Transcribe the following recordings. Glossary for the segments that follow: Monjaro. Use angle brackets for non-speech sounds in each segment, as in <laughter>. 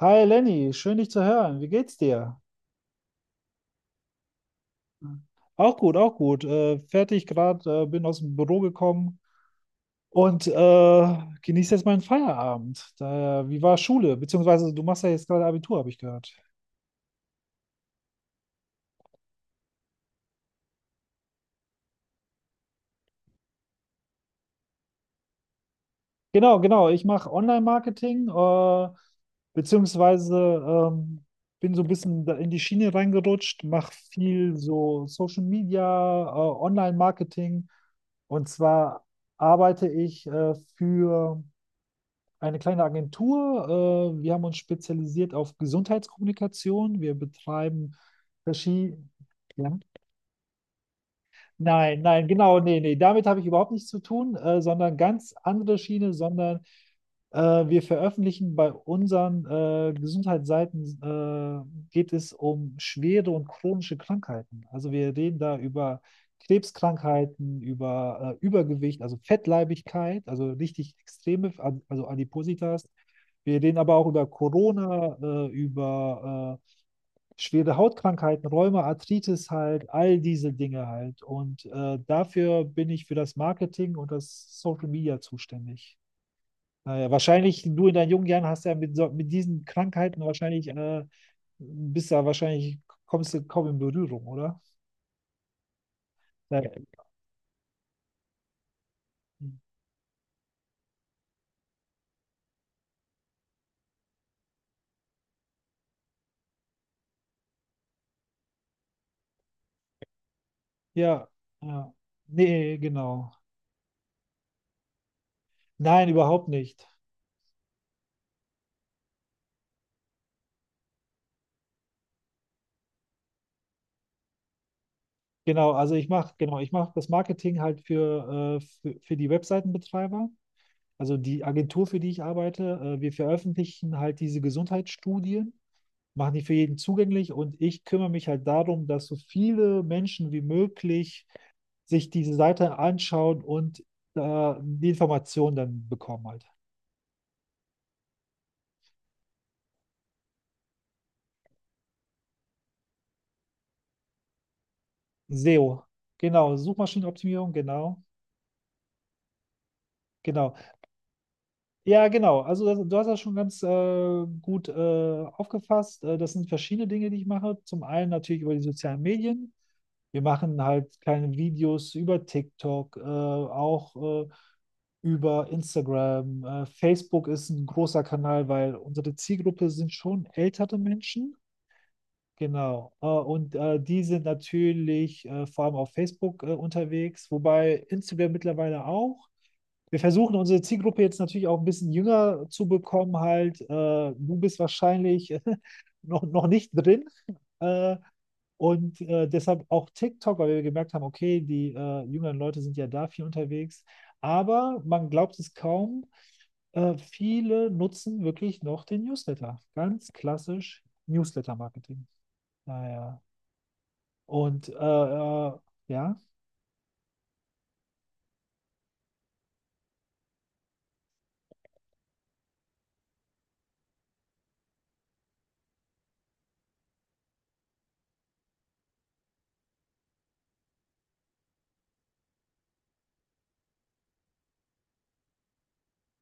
Hi Lenny, schön dich zu hören. Wie geht's dir? Auch gut, auch gut. Fertig gerade, bin aus dem Büro gekommen und genieße jetzt meinen Feierabend. Daher, wie war Schule? Beziehungsweise du machst ja jetzt gerade Abitur, habe ich gehört. Genau, genau. Ich mache Online-Marketing, beziehungsweise ähm, bin so ein bisschen da in die Schiene reingerutscht, mache viel so Social Media, Online-Marketing. Und zwar arbeite ich für eine kleine Agentur. Wir haben uns spezialisiert auf Gesundheitskommunikation. Wir betreiben verschiedene. Ja? Nein, nein, genau, nee, nee, damit habe ich überhaupt nichts zu tun, sondern ganz andere Schiene, sondern wir veröffentlichen bei unseren Gesundheitsseiten, geht es um schwere und chronische Krankheiten. Also wir reden da über Krebskrankheiten, über Übergewicht, also Fettleibigkeit, also richtig extreme, also Adipositas. Wir reden aber auch über Corona, über schwere Hautkrankheiten, Rheuma, Arthritis halt, all diese Dinge halt. Und dafür bin ich für das Marketing und das Social Media zuständig. Naja, wahrscheinlich, du in deinen jungen Jahren hast ja mit, so, mit diesen Krankheiten wahrscheinlich, bist ja wahrscheinlich, kommst du kaum in Berührung, oder? Ja, ja. Ja. Nee, genau. Nein, überhaupt nicht. Genau, also ich mache, genau, ich mache das Marketing halt für die Webseitenbetreiber, also die Agentur, für die ich arbeite. Wir veröffentlichen halt diese Gesundheitsstudien, machen die für jeden zugänglich und ich kümmere mich halt darum, dass so viele Menschen wie möglich sich diese Seite anschauen und die Informationen dann bekommen halt. SEO, genau, Suchmaschinenoptimierung, genau, genau. Ja, genau. Also das, du hast das schon ganz gut aufgefasst. Das sind verschiedene Dinge, die ich mache. Zum einen natürlich über die sozialen Medien. Wir machen halt kleine Videos über TikTok, auch äh, über Instagram. Facebook ist ein großer Kanal, weil unsere Zielgruppe sind schon ältere Menschen. Genau. Und die sind natürlich vor allem auf Facebook unterwegs, wobei Instagram mittlerweile auch wir versuchen unsere Zielgruppe jetzt natürlich auch ein bisschen jünger zu bekommen, halt. Du bist wahrscheinlich <laughs> noch nicht drin. Äh, und deshalb auch TikTok, weil wir gemerkt haben, okay, die jüngeren Leute sind ja da viel unterwegs. Aber man glaubt es kaum, viele nutzen wirklich noch den Newsletter. Ganz klassisch Newsletter-Marketing. Naja. Und ja.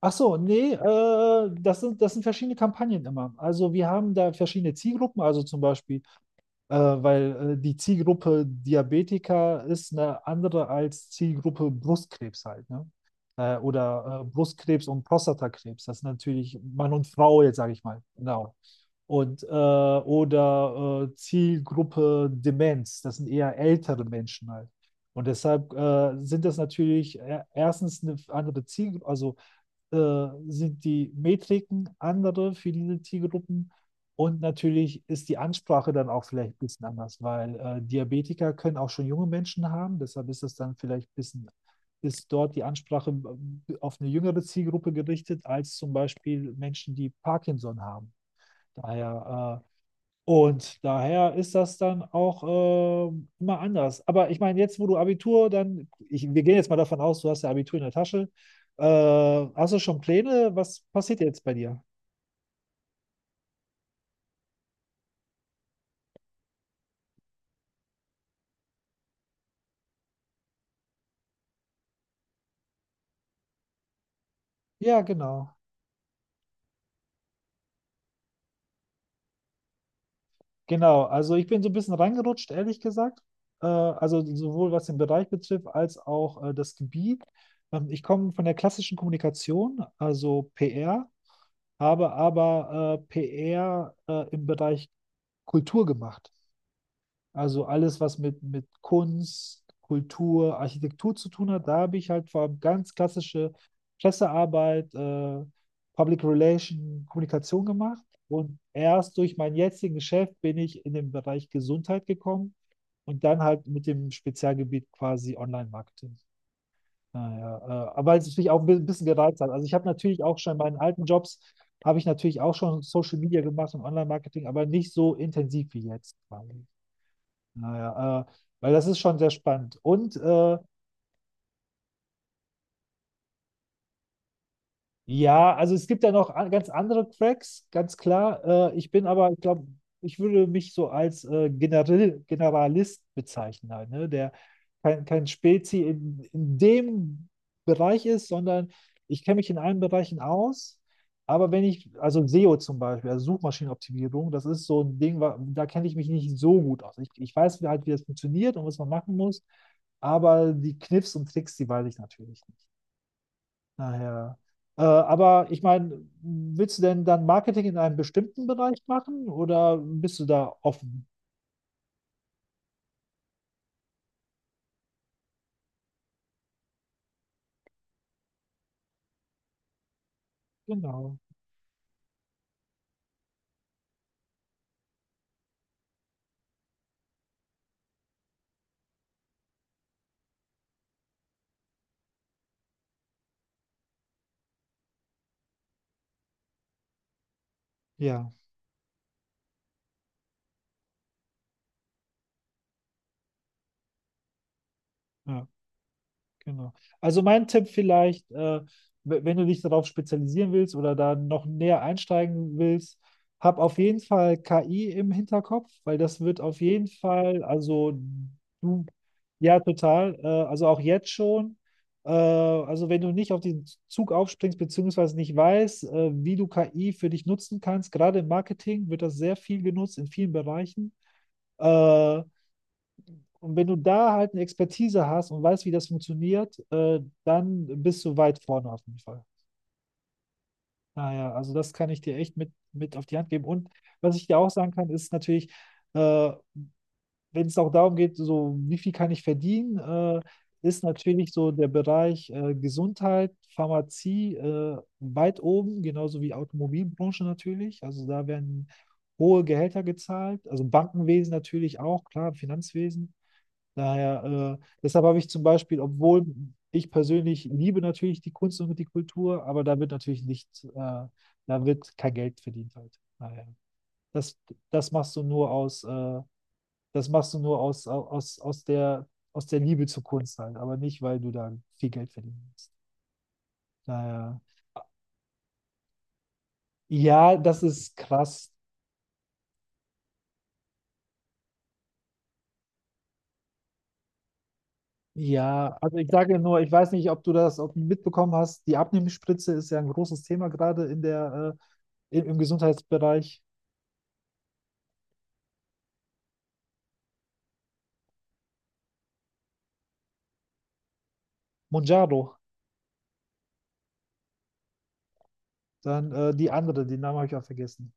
Ach so, nee, das sind verschiedene Kampagnen immer. Also wir haben da verschiedene Zielgruppen, also zum Beispiel äh, weil die Zielgruppe Diabetiker ist eine andere als Zielgruppe Brustkrebs halt, ne? Oder Brustkrebs und Prostatakrebs. Das ist natürlich Mann und Frau jetzt, sage ich mal. Genau. Und oder Zielgruppe Demenz. Das sind eher ältere Menschen halt. Und deshalb sind das natürlich erstens eine andere Zielgruppe, also sind die Metriken andere für diese Zielgruppen und natürlich ist die Ansprache dann auch vielleicht ein bisschen anders, weil Diabetiker können auch schon junge Menschen haben. Deshalb ist es dann vielleicht ein bisschen, ist dort die Ansprache auf eine jüngere Zielgruppe gerichtet, als zum Beispiel Menschen, die Parkinson haben. Daher, und daher ist das dann auch immer anders. Aber ich meine, jetzt, wo du Abitur dann, ich, wir gehen jetzt mal davon aus, du hast ja Abitur in der Tasche. Äh, hast du schon Pläne? Was passiert jetzt bei dir? Ja, genau. Genau, also ich bin so ein bisschen reingerutscht, ehrlich gesagt. Also sowohl was den Bereich betrifft, als auch das Gebiet. Ich komme von der klassischen Kommunikation, also PR, habe aber PR im Bereich Kultur gemacht. Also alles, was mit Kunst, Kultur, Architektur zu tun hat, da habe ich halt vor allem ganz klassische Pressearbeit, Public Relation, Kommunikation gemacht. Und erst durch mein jetziges Geschäft bin ich in den Bereich Gesundheit gekommen und dann halt mit dem Spezialgebiet quasi Online-Marketing. Naja, aber es ist mich auch ein bisschen gereizt hat. Also ich habe natürlich auch schon in meinen alten Jobs, habe ich natürlich auch schon Social Media gemacht und Online-Marketing, aber nicht so intensiv wie jetzt quasi. Naja, weil das ist schon sehr spannend. Und ja, also es gibt ja noch an- ganz andere Cracks, ganz klar. Ich bin aber, ich glaube, ich würde mich so als Generalist bezeichnen, halt, ne? Der kein Spezi in dem Bereich ist, sondern ich kenne mich in allen Bereichen aus. Aber wenn ich, also SEO zum Beispiel, also Suchmaschinenoptimierung, das ist so ein Ding, da kenne ich mich nicht so gut aus. Ich weiß halt, wie das funktioniert und was man machen muss, aber die Kniffs und Tricks, die weiß ich natürlich nicht. Naja. Aber ich meine, willst du denn dann Marketing in einem bestimmten Bereich machen oder bist du da offen? Genau. Ja. Ja. Genau. Also mein Tipp vielleicht, wenn du dich darauf spezialisieren willst oder da noch näher einsteigen willst, hab auf jeden Fall KI im Hinterkopf, weil das wird auf jeden Fall, also du, ja, total, also auch jetzt schon. Also wenn du nicht auf den Zug aufspringst, beziehungsweise nicht weißt, wie du KI für dich nutzen kannst, gerade im Marketing wird das sehr viel genutzt in vielen Bereichen. Äh, und wenn du da halt eine Expertise hast und weißt, wie das funktioniert, dann bist du weit vorne auf jeden Fall. Naja, also das kann ich dir echt mit auf die Hand geben. Und was ich dir auch sagen kann, ist natürlich, äh, wenn es auch darum geht, so wie viel kann ich verdienen, ist natürlich so der Bereich Gesundheit, Pharmazie weit oben, genauso wie Automobilbranche natürlich. Also da werden hohe Gehälter gezahlt, also Bankenwesen natürlich auch, klar, Finanzwesen. Daher, deshalb habe ich zum Beispiel, obwohl ich persönlich liebe natürlich die Kunst und die Kultur, aber da wird natürlich nicht, da wird kein Geld verdient halt. Daher, das, das machst du nur aus, das machst du nur aus, aus der Liebe zur Kunst halt, aber nicht, weil du da viel Geld verdienen willst. Daher, ja, das ist krass. Ja, also ich sage ja nur, ich weiß nicht, ob du das ob du mitbekommen hast. Die Abnehmspritze ist ja ein großes Thema gerade in der, im Gesundheitsbereich. Monjaro. Dann die andere, den Namen habe ich auch vergessen.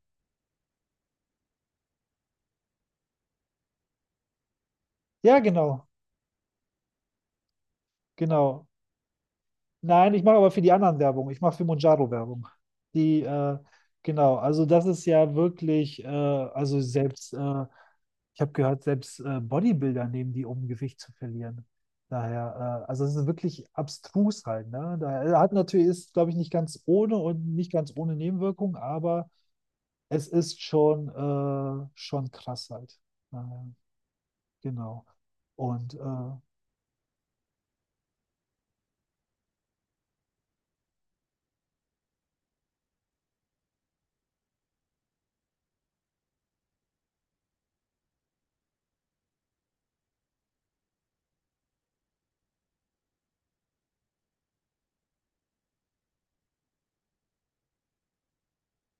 Ja, genau. Nein, ich mache aber für die anderen Werbung. Ich mache für Monjaro Werbung. Die, genau, also das ist ja wirklich, also selbst, ich habe gehört, selbst Bodybuilder nehmen die, um Gewicht zu verlieren. Daher, also es ist wirklich abstrus halt, ne? Daher hat natürlich, ist, glaube ich, nicht ganz ohne und nicht ganz ohne Nebenwirkung, aber es ist schon, schon krass halt. Daher. Genau. Und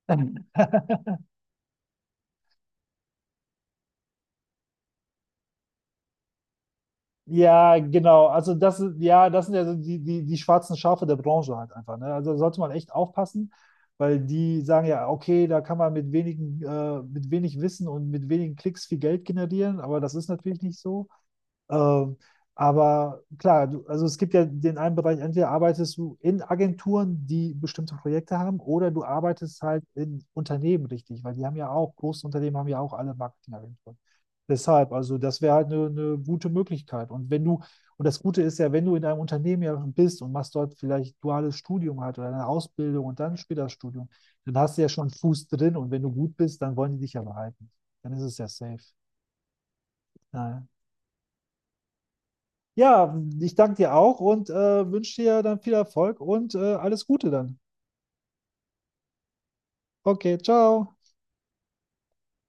<laughs> ja, genau. Also das, ist- ja, das sind ja so die schwarzen Schafe der Branche halt einfach. Ne? Also da sollte man echt aufpassen, weil die sagen ja, okay, da kann man mit wenigen, mit wenig Wissen und mit wenigen Klicks viel Geld generieren, aber das ist natürlich nicht so. Ähm, aber klar, du, also es gibt ja den einen Bereich, entweder arbeitest du in Agenturen, die bestimmte Projekte haben, oder du arbeitest halt in Unternehmen richtig, weil die haben ja auch, große Unternehmen haben ja auch alle Marketingagenturen. Deshalb, also das wäre halt eine gute Möglichkeit. Und wenn du, und das Gute ist ja, wenn du in einem Unternehmen ja bist und machst dort vielleicht duales Studium halt oder eine Ausbildung und dann später Studium, dann hast du ja schon einen Fuß drin und wenn du gut bist, dann wollen die dich ja behalten. Dann ist es ja safe. Naja. Ja, Ja, ich danke dir auch und wünsche dir dann viel Erfolg und alles Gute dann. Okay, ciao.